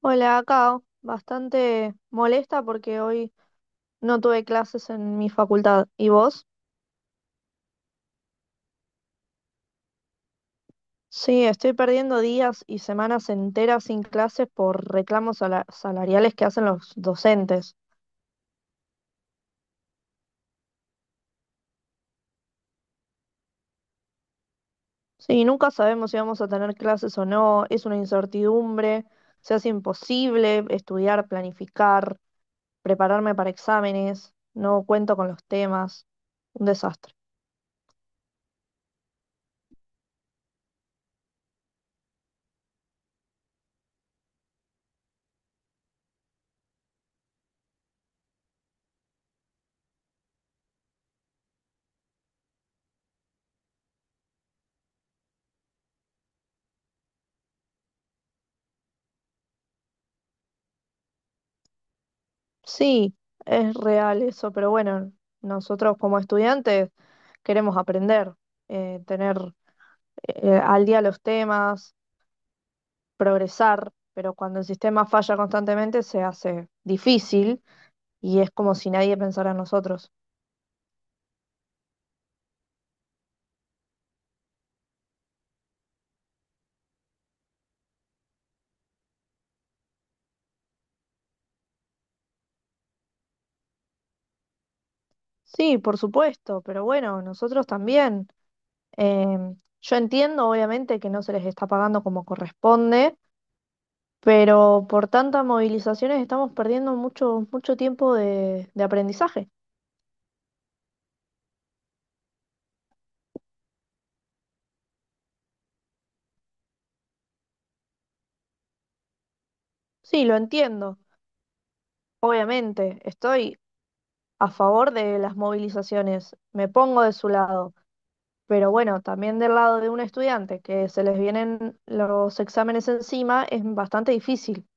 Hola, acá bastante molesta porque hoy no tuve clases en mi facultad. ¿Y vos? Sí, estoy perdiendo días y semanas enteras sin clases por reclamos salariales que hacen los docentes. Sí, nunca sabemos si vamos a tener clases o no, es una incertidumbre, se hace imposible estudiar, planificar, prepararme para exámenes, no cuento con los temas, un desastre. Sí, es real eso, pero bueno, nosotros como estudiantes queremos aprender, tener al día los temas, progresar, pero cuando el sistema falla constantemente se hace difícil y es como si nadie pensara en nosotros. Sí, por supuesto, pero bueno, nosotros también. Yo entiendo obviamente que no se les está pagando como corresponde, pero por tantas movilizaciones estamos perdiendo mucho, mucho tiempo de aprendizaje. Sí, lo entiendo. Obviamente, estoy a favor de las movilizaciones, me pongo de su lado, pero bueno, también del lado de un estudiante que se les vienen los exámenes encima es bastante difícil.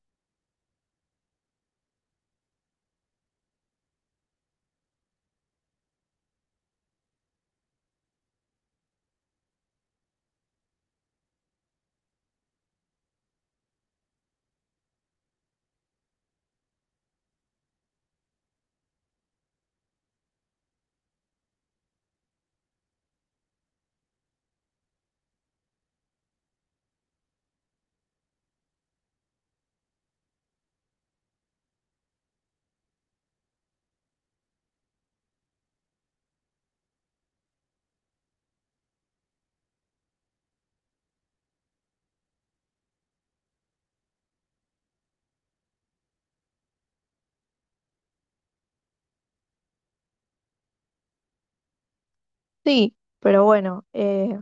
Sí, pero bueno,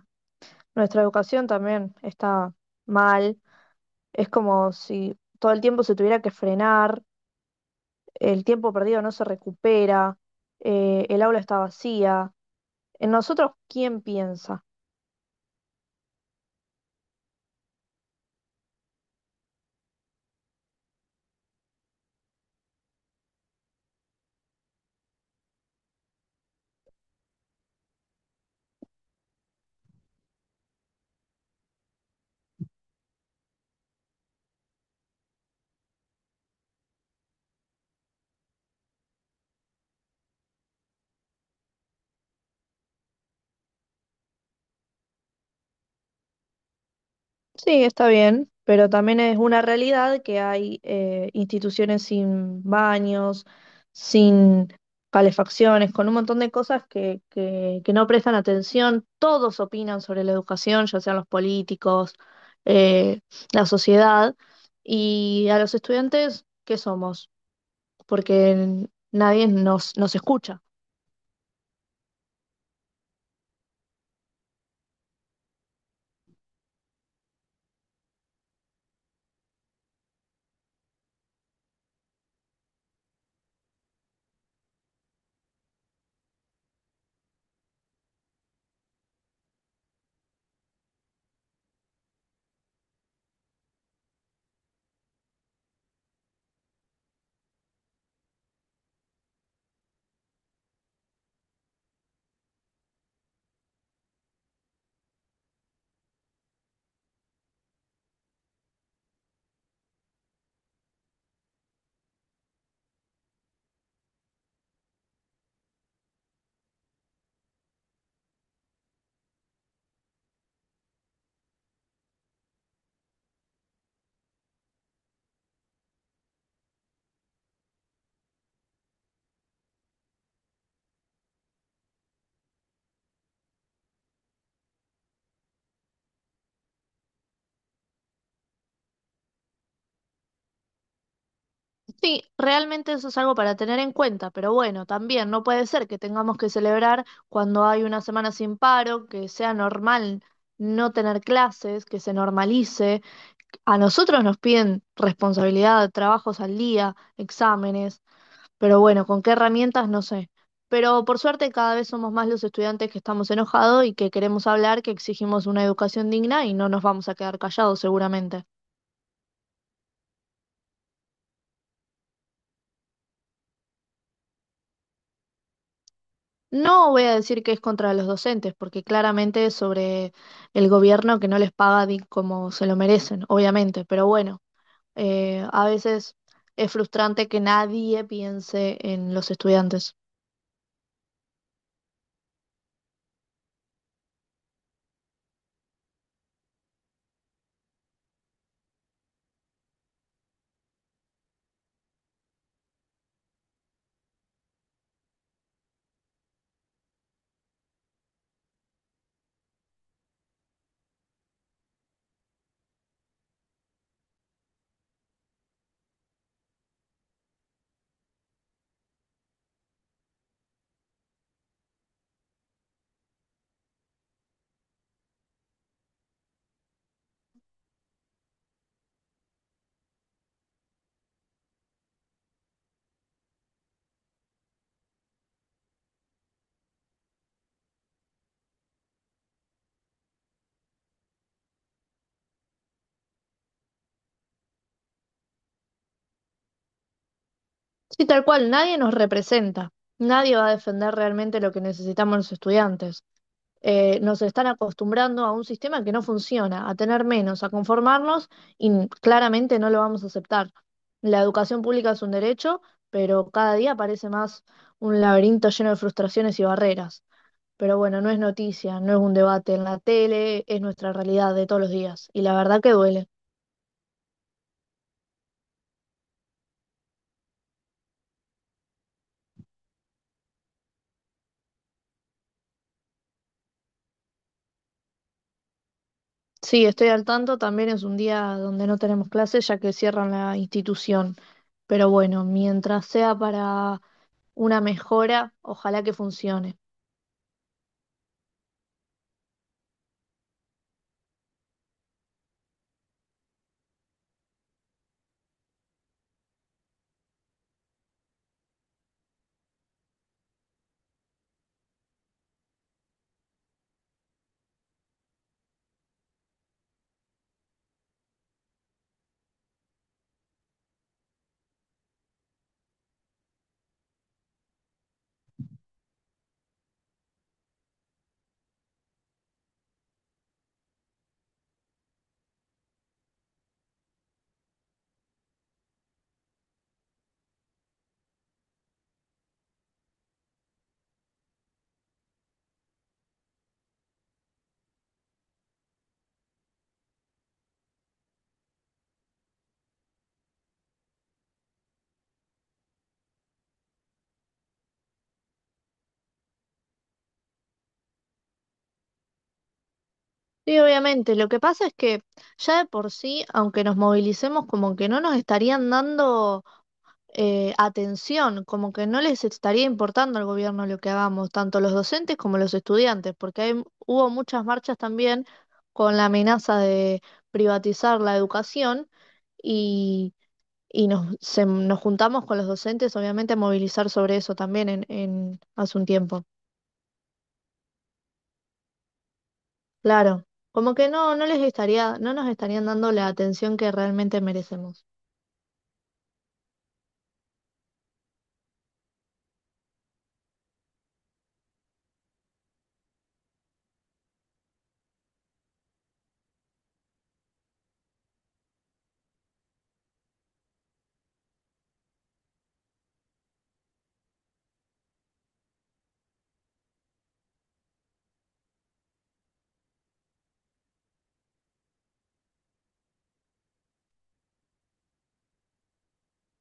nuestra educación también está mal. Es como si todo el tiempo se tuviera que frenar, el tiempo perdido no se recupera, el aula está vacía. En nosotros, ¿quién piensa? Sí, está bien, pero también es una realidad que hay instituciones sin baños, sin calefacciones, con un montón de cosas que no prestan atención. Todos opinan sobre la educación, ya sean los políticos, eh, la sociedad, y a los estudiantes, ¿qué somos? Porque nadie nos, nos escucha. Sí, realmente eso es algo para tener en cuenta, pero bueno, también no puede ser que tengamos que celebrar cuando hay una semana sin paro, que sea normal no tener clases, que se normalice. A nosotros nos piden responsabilidad, trabajos al día, exámenes, pero bueno, ¿con qué herramientas? No sé. Pero por suerte cada vez somos más los estudiantes que estamos enojados y que queremos hablar, que exigimos una educación digna y no nos vamos a quedar callados seguramente. No voy a decir que es contra los docentes, porque claramente es sobre el gobierno que no les paga como se lo merecen, obviamente, pero bueno, a veces es frustrante que nadie piense en los estudiantes. Sí, tal cual, nadie nos representa, nadie va a defender realmente lo que necesitamos los estudiantes. Nos están acostumbrando a un sistema que no funciona, a tener menos, a conformarnos y claramente no lo vamos a aceptar. La educación pública es un derecho, pero cada día parece más un laberinto lleno de frustraciones y barreras. Pero bueno, no es noticia, no es un debate en la tele, es nuestra realidad de todos los días y la verdad que duele. Sí, estoy al tanto, también es un día donde no tenemos clases ya que cierran la institución. Pero bueno, mientras sea para una mejora, ojalá que funcione. Sí, obviamente. Lo que pasa es que ya de por sí, aunque nos movilicemos, como que no nos estarían dando atención, como que no les estaría importando al gobierno lo que hagamos, tanto los docentes como los estudiantes, porque hubo muchas marchas también con la amenaza de privatizar la educación y, y nos juntamos con los docentes, obviamente, a movilizar sobre eso también hace un tiempo. Claro, como que no les estaría, no nos estarían dando la atención que realmente merecemos.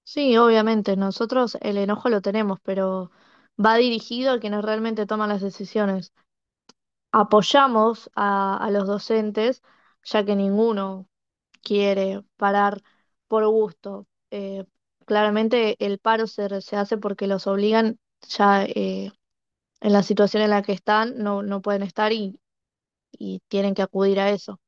Sí, obviamente, nosotros el enojo lo tenemos, pero va dirigido a quienes realmente toman las decisiones. Apoyamos a los docentes, ya que ninguno quiere parar por gusto. Claramente el paro se hace porque los obligan ya, en la situación en la que están, no, no pueden estar y tienen que acudir a eso.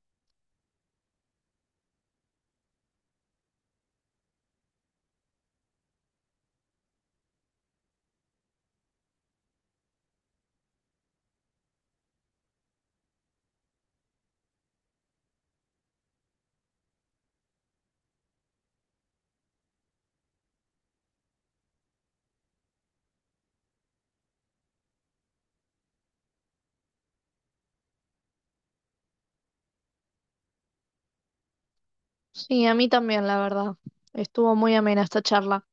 Sí, a mí también, la verdad. Estuvo muy amena esta charla.